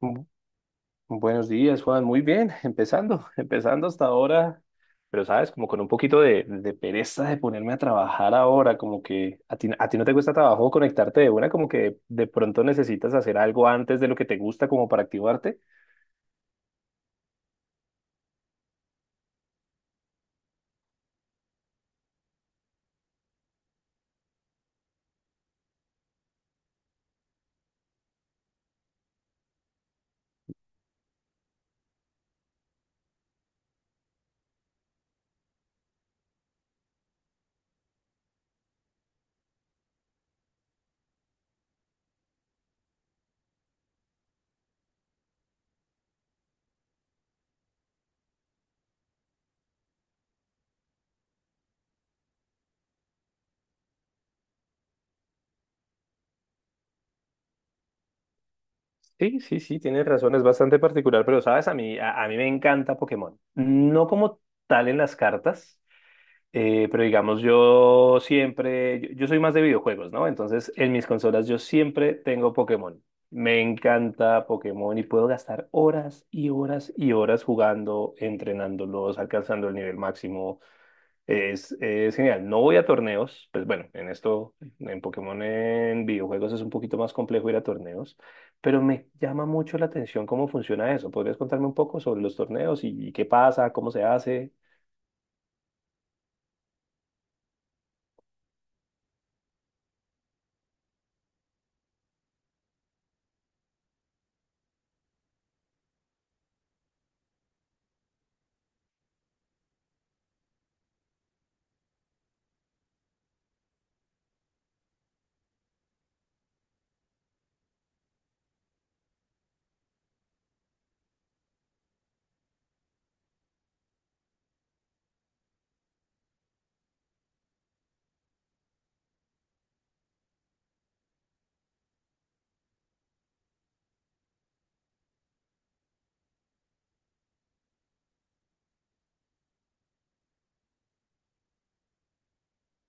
Bu- Buenos días, Juan. Muy bien, empezando, empezando hasta ahora, pero sabes, como con un poquito de pereza de ponerme a trabajar ahora, como que a ti, a ti, no te cuesta trabajo conectarte de una, como que de pronto necesitas hacer algo antes de lo que te gusta como para activarte. Sí, sí, sí, tienes razón, es bastante particular, pero sabes, a mí, a mí me encanta Pokémon. No como tal en las cartas. Pero digamos, yo siempre, yo soy más de videojuegos, ¿no? Entonces, en mis consolas yo siempre tengo Pokémon. Me encanta Pokémon y puedo gastar horas y horas y horas jugando, entrenándolos, alcanzando el nivel máximo. Es genial. No voy a torneos, pues bueno, en esto, en Pokémon, en videojuegos es un poquito más complejo ir a torneos, pero me llama mucho la atención cómo funciona eso. ¿Podrías contarme un poco sobre los torneos y qué pasa, cómo se hace?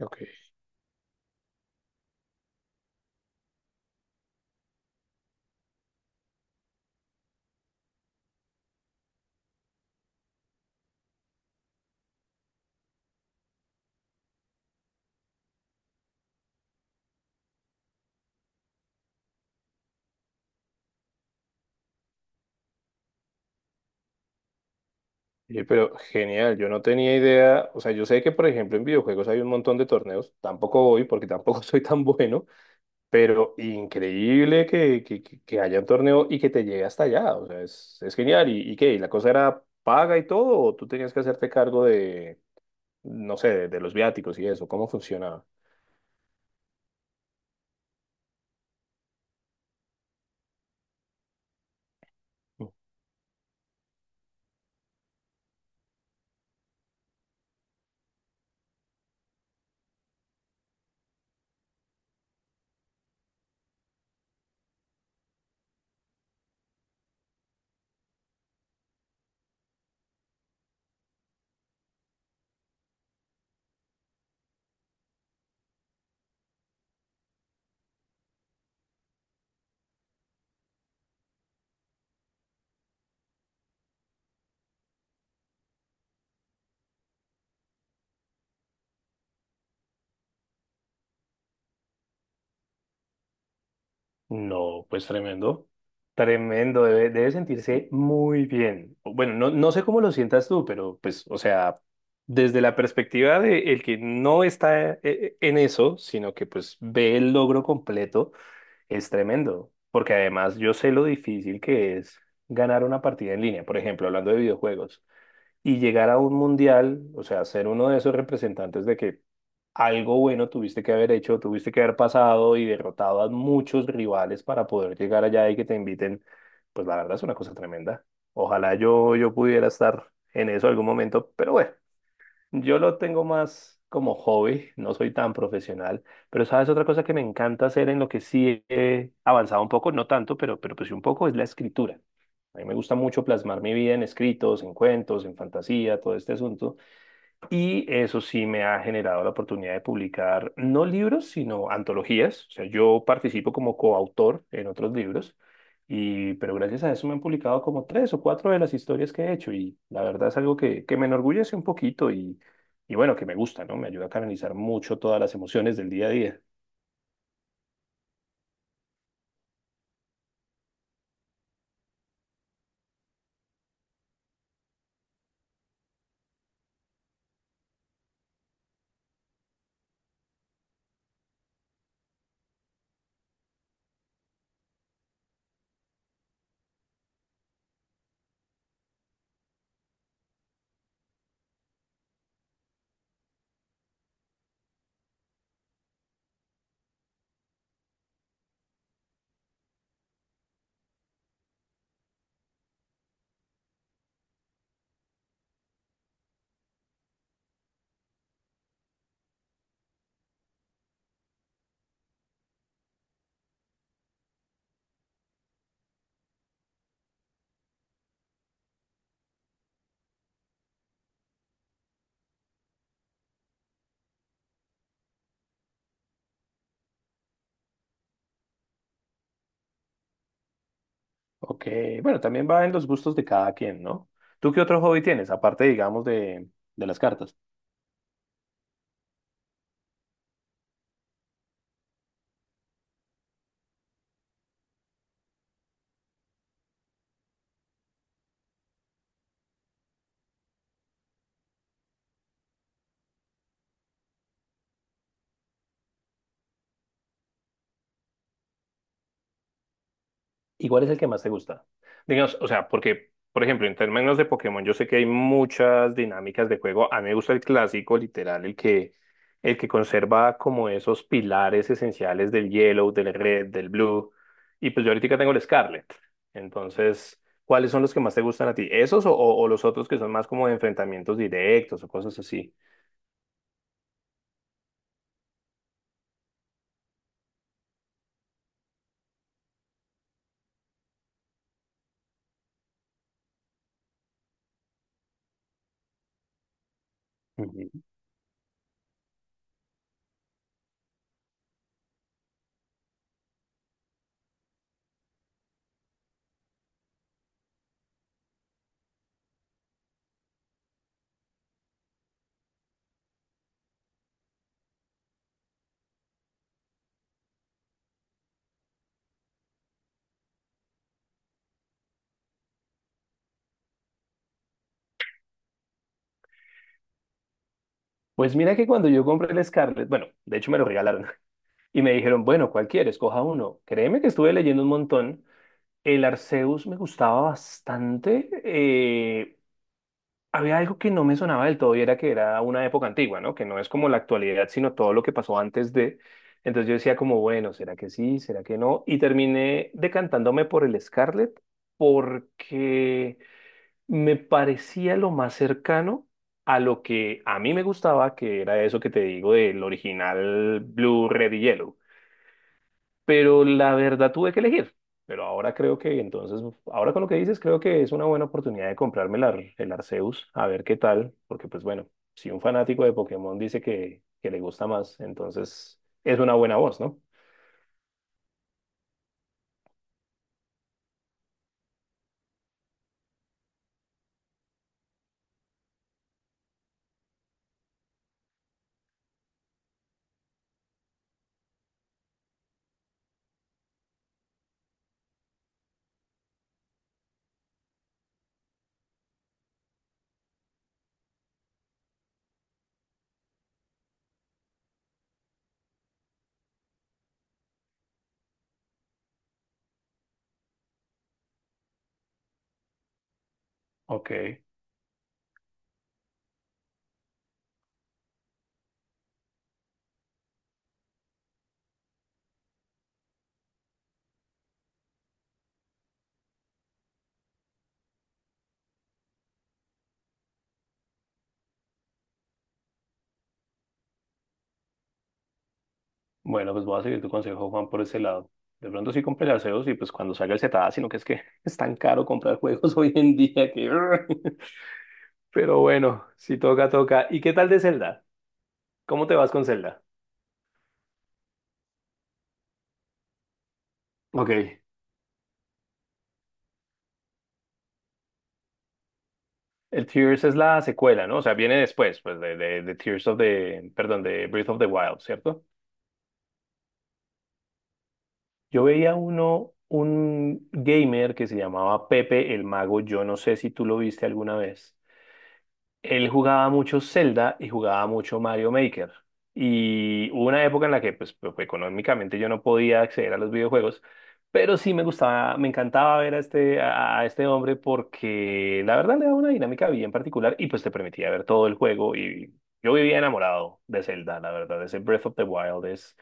Ok. Oye, pero genial, yo no tenía idea, o sea, yo sé que por ejemplo en videojuegos hay un montón de torneos, tampoco voy porque tampoco soy tan bueno, pero increíble que haya un torneo y que te llegue hasta allá, o sea, es genial. Y qué? ¿Y la cosa era paga y todo o tú tenías que hacerte cargo de, no sé, de los viáticos y eso? ¿Cómo funcionaba? No, pues tremendo. Tremendo, debe sentirse muy bien. Bueno, no, no sé cómo lo sientas tú, pero pues, o sea, desde la perspectiva de el que no está en eso, sino que pues ve el logro completo, es tremendo. Porque además yo sé lo difícil que es ganar una partida en línea, por ejemplo, hablando de videojuegos y llegar a un mundial, o sea, ser uno de esos representantes de que algo bueno tuviste que haber hecho, tuviste que haber pasado y derrotado a muchos rivales para poder llegar allá y que te inviten, pues la verdad es una cosa tremenda. Ojalá yo pudiera estar en eso algún momento, pero bueno, yo lo tengo más como hobby, no soy tan profesional, pero sabes otra cosa que me encanta hacer en lo que sí he avanzado un poco, no tanto, pero pues sí un poco, es la escritura. A mí me gusta mucho plasmar mi vida en escritos, en cuentos, en fantasía, todo este asunto. Y eso sí me ha generado la oportunidad de publicar no libros, sino antologías. O sea, yo participo como coautor en otros libros, y, pero gracias a eso me han publicado como tres o cuatro de las historias que he hecho. Y la verdad es algo que me enorgullece un poquito y bueno, que me gusta, ¿no? Me ayuda a canalizar mucho todas las emociones del día a día. Ok, bueno, también va en los gustos de cada quien, ¿no? ¿Tú qué otro hobby tienes, aparte, digamos, de las cartas? ¿Y cuál es el que más te gusta? Digamos, o sea, porque, por ejemplo, en términos de Pokémon, yo sé que hay muchas dinámicas de juego. A mí me gusta el clásico, literal, el que conserva como esos pilares esenciales del Yellow, del Red, del Blue. Y pues yo ahorita tengo el Scarlet. Entonces, ¿cuáles son los que más te gustan a ti? ¿Esos o, o los otros que son más como de enfrentamientos directos o cosas así? Ujú. Pues mira que cuando yo compré el Scarlet, bueno, de hecho me lo regalaron y me dijeron, bueno, ¿cuál quieres? Coja uno. Créeme que estuve leyendo un montón. El Arceus me gustaba bastante. Había algo que no me sonaba del todo y era que era una época antigua, ¿no? Que no es como la actualidad, sino todo lo que pasó antes de. Entonces yo decía como, bueno, ¿será que sí? ¿Será que no? Y terminé decantándome por el Scarlet porque me parecía lo más cercano a lo que a mí me gustaba, que era eso que te digo del original Blue, Red y Yellow, pero la verdad tuve que elegir. Pero ahora creo que, entonces, ahora con lo que dices, creo que es una buena oportunidad de comprarme el, el Arceus, a ver qué tal, porque pues bueno, si un fanático de Pokémon dice que le gusta más, entonces es una buena voz, ¿no? Ok, bueno, pues voy a seguir tu consejo, Juan, por ese lado. De pronto sí compré el Arceus y pues cuando salga el Cetada, sino que es que es tan caro comprar juegos hoy en día que… Pero bueno, si toca, toca. ¿Y qué tal de Zelda? ¿Cómo te vas con Zelda? Ok. El Tears es la secuela, ¿no? O sea, viene después, pues, de Tears of the, perdón, de Breath of the Wild, ¿cierto? Yo veía uno, un gamer que se llamaba Pepe el Mago, yo no sé si tú lo viste alguna vez. Él jugaba mucho Zelda y jugaba mucho Mario Maker. Y hubo una época en la que, pues, pues, económicamente yo no podía acceder a los videojuegos, pero sí me gustaba, me encantaba ver a este, a este hombre porque la verdad le daba una dinámica bien particular y pues te permitía ver todo el juego. Y yo vivía enamorado de Zelda, la verdad. Ese Breath of the Wild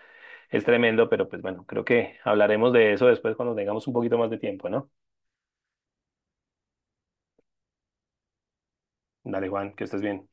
es tremendo, pero pues bueno, creo que hablaremos de eso después cuando tengamos un poquito más de tiempo, ¿no? Dale, Juan, que estés bien.